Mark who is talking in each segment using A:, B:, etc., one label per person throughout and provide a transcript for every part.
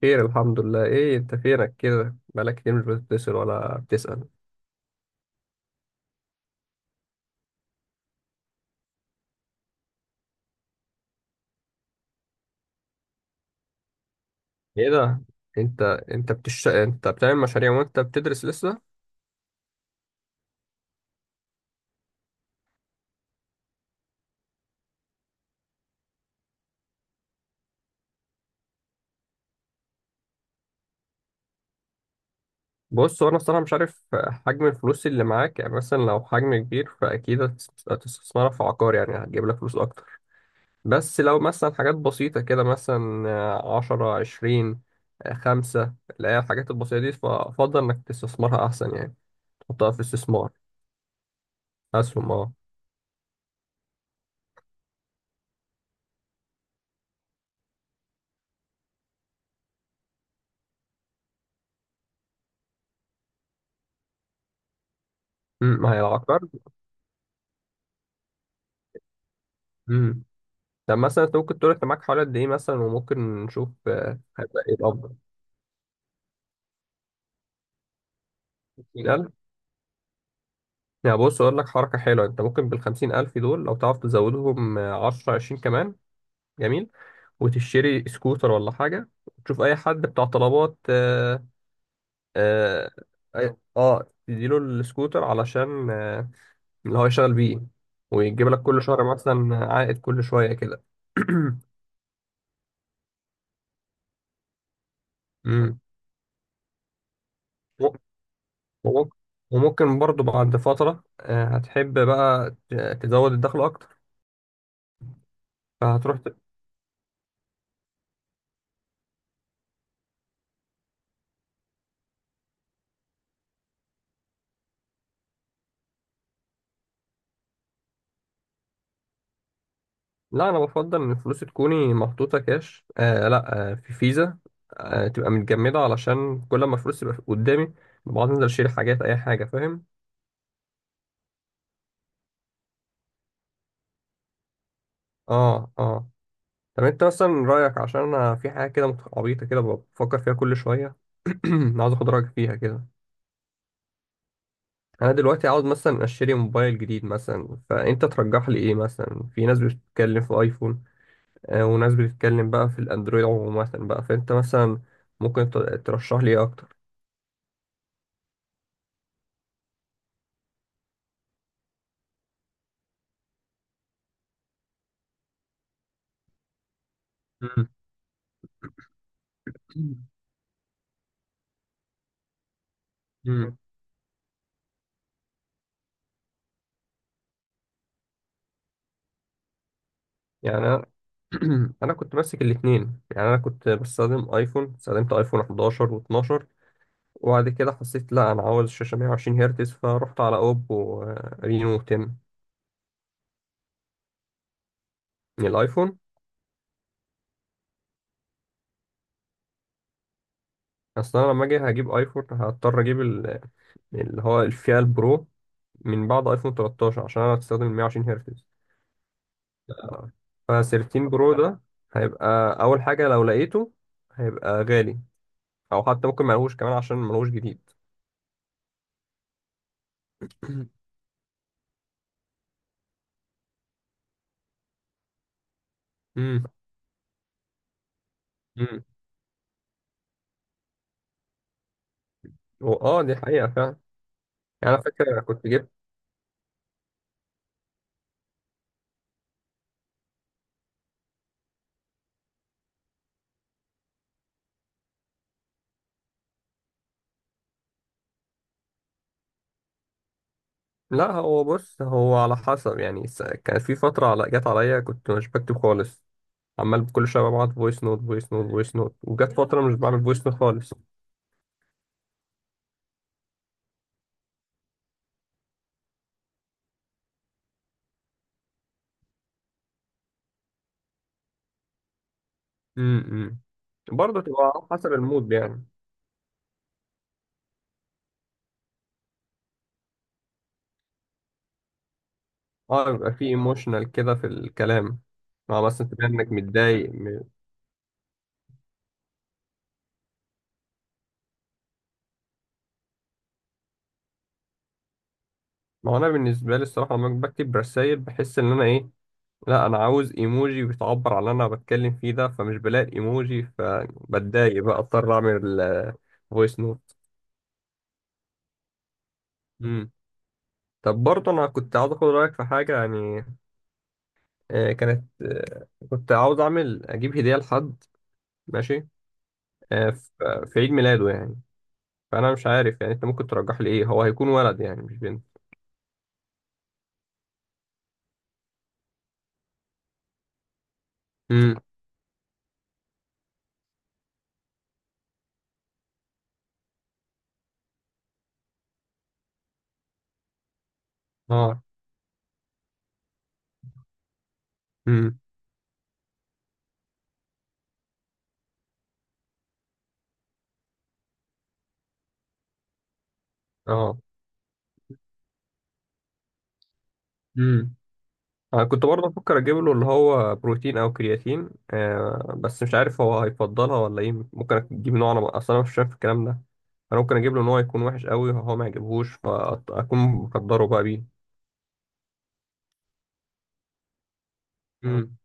A: خير، الحمد لله. ايه انت فينك كده؟ بقالك كتير مش بتتصل ولا بتسأل. ايه ده؟ انت انت بتعمل مشاريع وانت بتدرس لسه؟ بص، هو انا الصراحه مش عارف حجم الفلوس اللي معاك. يعني مثلا لو حجم كبير فاكيد هتستثمرها في عقار، يعني هتجيب لك فلوس اكتر. بس لو مثلا حاجات بسيطه كده، مثلا عشرة عشرين، خمسة، اللي هي الحاجات البسيطه دي، فافضل انك تستثمرها احسن يعني. تحطها في استثمار، اسهم اه. ما هي العقار. طب مثلا انت ممكن تقول انت معاك حوالي قد ايه مثلا، وممكن نشوف هيبقى ايه الافضل. 50,000؟ يعني بص اقول لك حركه حلوه: انت ممكن بال 50,000 دول، لو تعرف تزودهم 10 20 كمان، جميل، وتشتري سكوتر ولا حاجه. تشوف اي حد بتاع طلبات، اه، اه، تديله السكوتر علشان اللي هو يشتغل بيه، ويجيب لك كل شهر مثلا عائد، كل شويه كده. مم. وممكن، وممكن برضو بعد فترة هتحب بقى تزود الدخل أكتر. فهتروح ت... لا، أنا بفضل إن الفلوس تكوني محطوطة كاش، آه، لا آه في فيزا، آه، تبقى متجمدة، علشان كل ما الفلوس تبقى قدامي بقعد أنزل أشيل حاجات، أي حاجة، فاهم؟ آه، آه. طب أنت مثلا رأيك، عشان أنا في حاجة كده عبيطة كده بفكر فيها كل شوية، عاوز أخد رأيك فيها كده. أنا دلوقتي عاوز مثلا أشتري موبايل جديد مثلا، فأنت ترجح لي إيه مثلا؟ في ناس بتتكلم في أيفون، وناس بتتكلم بقى في الاندرويد، عموما بقى فانت مثلا ممكن ترشح لي ايه اكتر. مم. مم. يعني انا، انا كنت ماسك الاثنين، يعني انا كنت بستخدم ايفون، استخدمت ايفون 11 و12، وبعد كده حسيت لا انا عاوز شاشه 120 هرتز، فرحت على اوبو رينو 10. من الايفون. اصلا انا لما اجي هجيب ايفون هضطر اجيب اللي هو الفئه البرو، من بعد ايفون 13، عشان انا بستخدم 120 هرتز. آه. ف13 برو ده هيبقى اول حاجه لو لقيته هيبقى غالي، او حتى ممكن ملهوش كمان عشان ملهوش جديد. امم امم. اه دي حقيقه فعلا. يعني انا فاكر كنت جبت. لا هو بص، هو على حسب يعني، كان في فتره، جت عليا كنت مش بكتب خالص، عمال كل شويه ببعت فويس نوت فويس نوت فويس نوت، وجت فتره مش بعمل فويس نوت خالص. امم. برضه تبقى على حسب المود يعني. اه بيبقى في ايموشنال كده في الكلام. اه مثلا تبقى انك متضايق. ما هو انا بالنسبه لي الصراحه لما بكتب رسائل بحس ان انا ايه، لا انا عاوز ايموجي بتعبر عن اللي انا بتكلم فيه ده، فمش بلاقي الايموجي فبتضايق بقى، اضطر اعمل فويس نوت. امم. طب برضه انا كنت عاوز اخد رايك في حاجه يعني. كانت كنت عاوز اعمل اجيب هديه لحد، ماشي، في عيد ميلاده يعني، فانا مش عارف يعني انت ممكن ترجح لي ايه. هو هيكون ولد يعني، مش بنت. امم. اه. امم. اه. أنا كنت برضه بفكر اجيب له اللي هو بروتين او كرياتين، آه، بس مش عارف هو هيفضلها ولا ايه. ممكن اجيب نوع، انا اصلا أنا مش شايف الكلام ده. انا ممكن اجيب له نوع يكون وحش قوي هو ما يعجبهوش، فاكون مقدره بقى بيه. امم.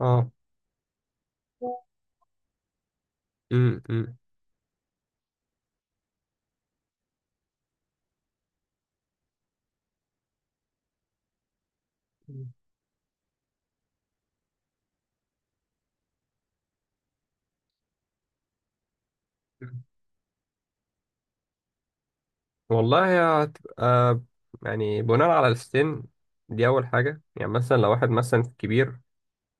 A: اه. امم. والله هي هتبقى يعني بناء على السن. دي اول حاجه، يعني مثلا لو واحد مثلا كبير،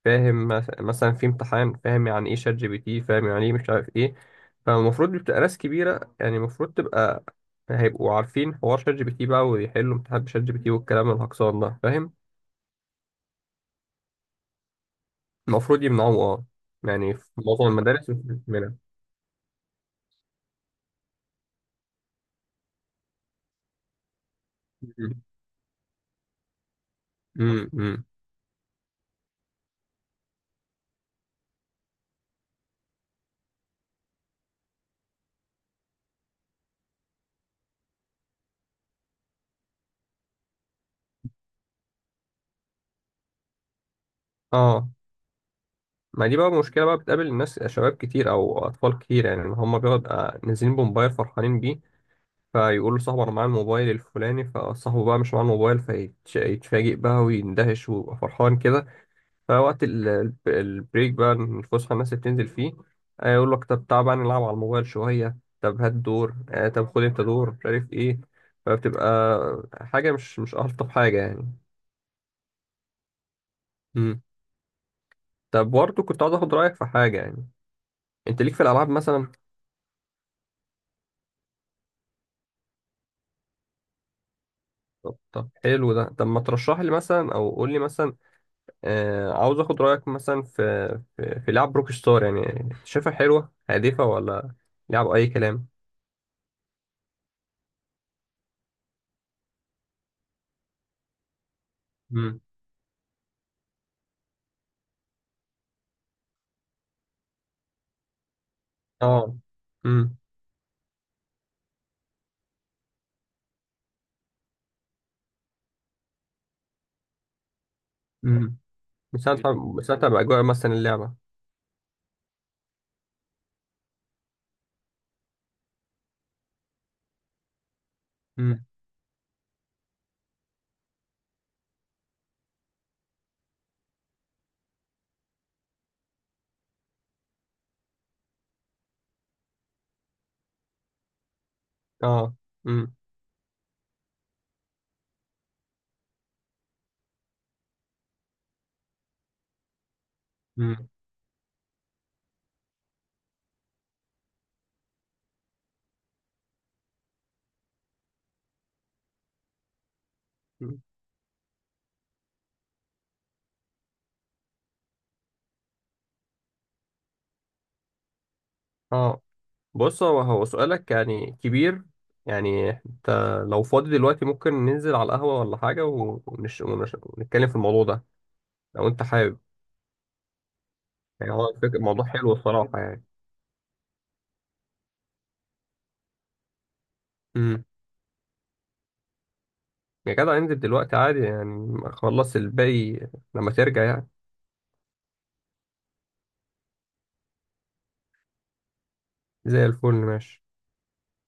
A: فاهم، مثلا في امتحان، فاهم يعني ايه شات جي بي تي، فاهم يعني ايه، مش عارف ايه، فالمفروض دي بتبقى ناس كبيرة، يعني المفروض تبقى هيبقوا عارفين حوار شات جي بي تي بقى، ويحلوا امتحان شات جي بي تي والكلام الهكسان ده، فاهم؟ المفروض يمنعوه، اه. يعني في معظم المدارس منع. امم. اه. ما دي بقى مشكلة، بقى بتقابل الناس شباب كتير أو أطفال كتير، يعني إن هما بيبقوا نازلين بموبايل فرحانين بيه، فيقول لصاحبه انا معايا الموبايل الفلاني، فصاحبه بقى مش معاه الموبايل، فيتفاجئ بقى ويندهش ويبقى فرحان كده. فوقت البريك بقى، الفسحه، الناس اللي بتنزل فيه يقول لك طب تعال بقى نلعب على الموبايل شويه، طب هات دور، طب خد انت دور، مش عارف ايه، فبتبقى حاجه مش الطف حاجه يعني. امم. طب برضه كنت عاوز اخد رايك في حاجه يعني. انت ليك في الالعاب مثلا؟ طب طب حلو ده. طب ما ترشح لي مثلا، او قول لي مثلا، عاوز اخد رايك مثلا في، في لعب روك ستار، يعني شايفها حلوه هادفه ولا لعب اي كلام؟ امم. اه. امم. امم. مساعدة مساعدة باجواء مثلا اللعبه. امم. اه. امم امم. اه بص، هو هو سؤالك يعني كبير. يعني انت لو فاضي دلوقتي ممكن ننزل على القهوه ولا حاجه، ونتكلم في الموضوع ده لو انت حابب. يعني هو الفكرة، الموضوع حلو الصراحه يعني. امم. يا جدع انزل دلوقتي عادي يعني، خلص الباقي لما ترجع يعني. زي الفل، ماشي.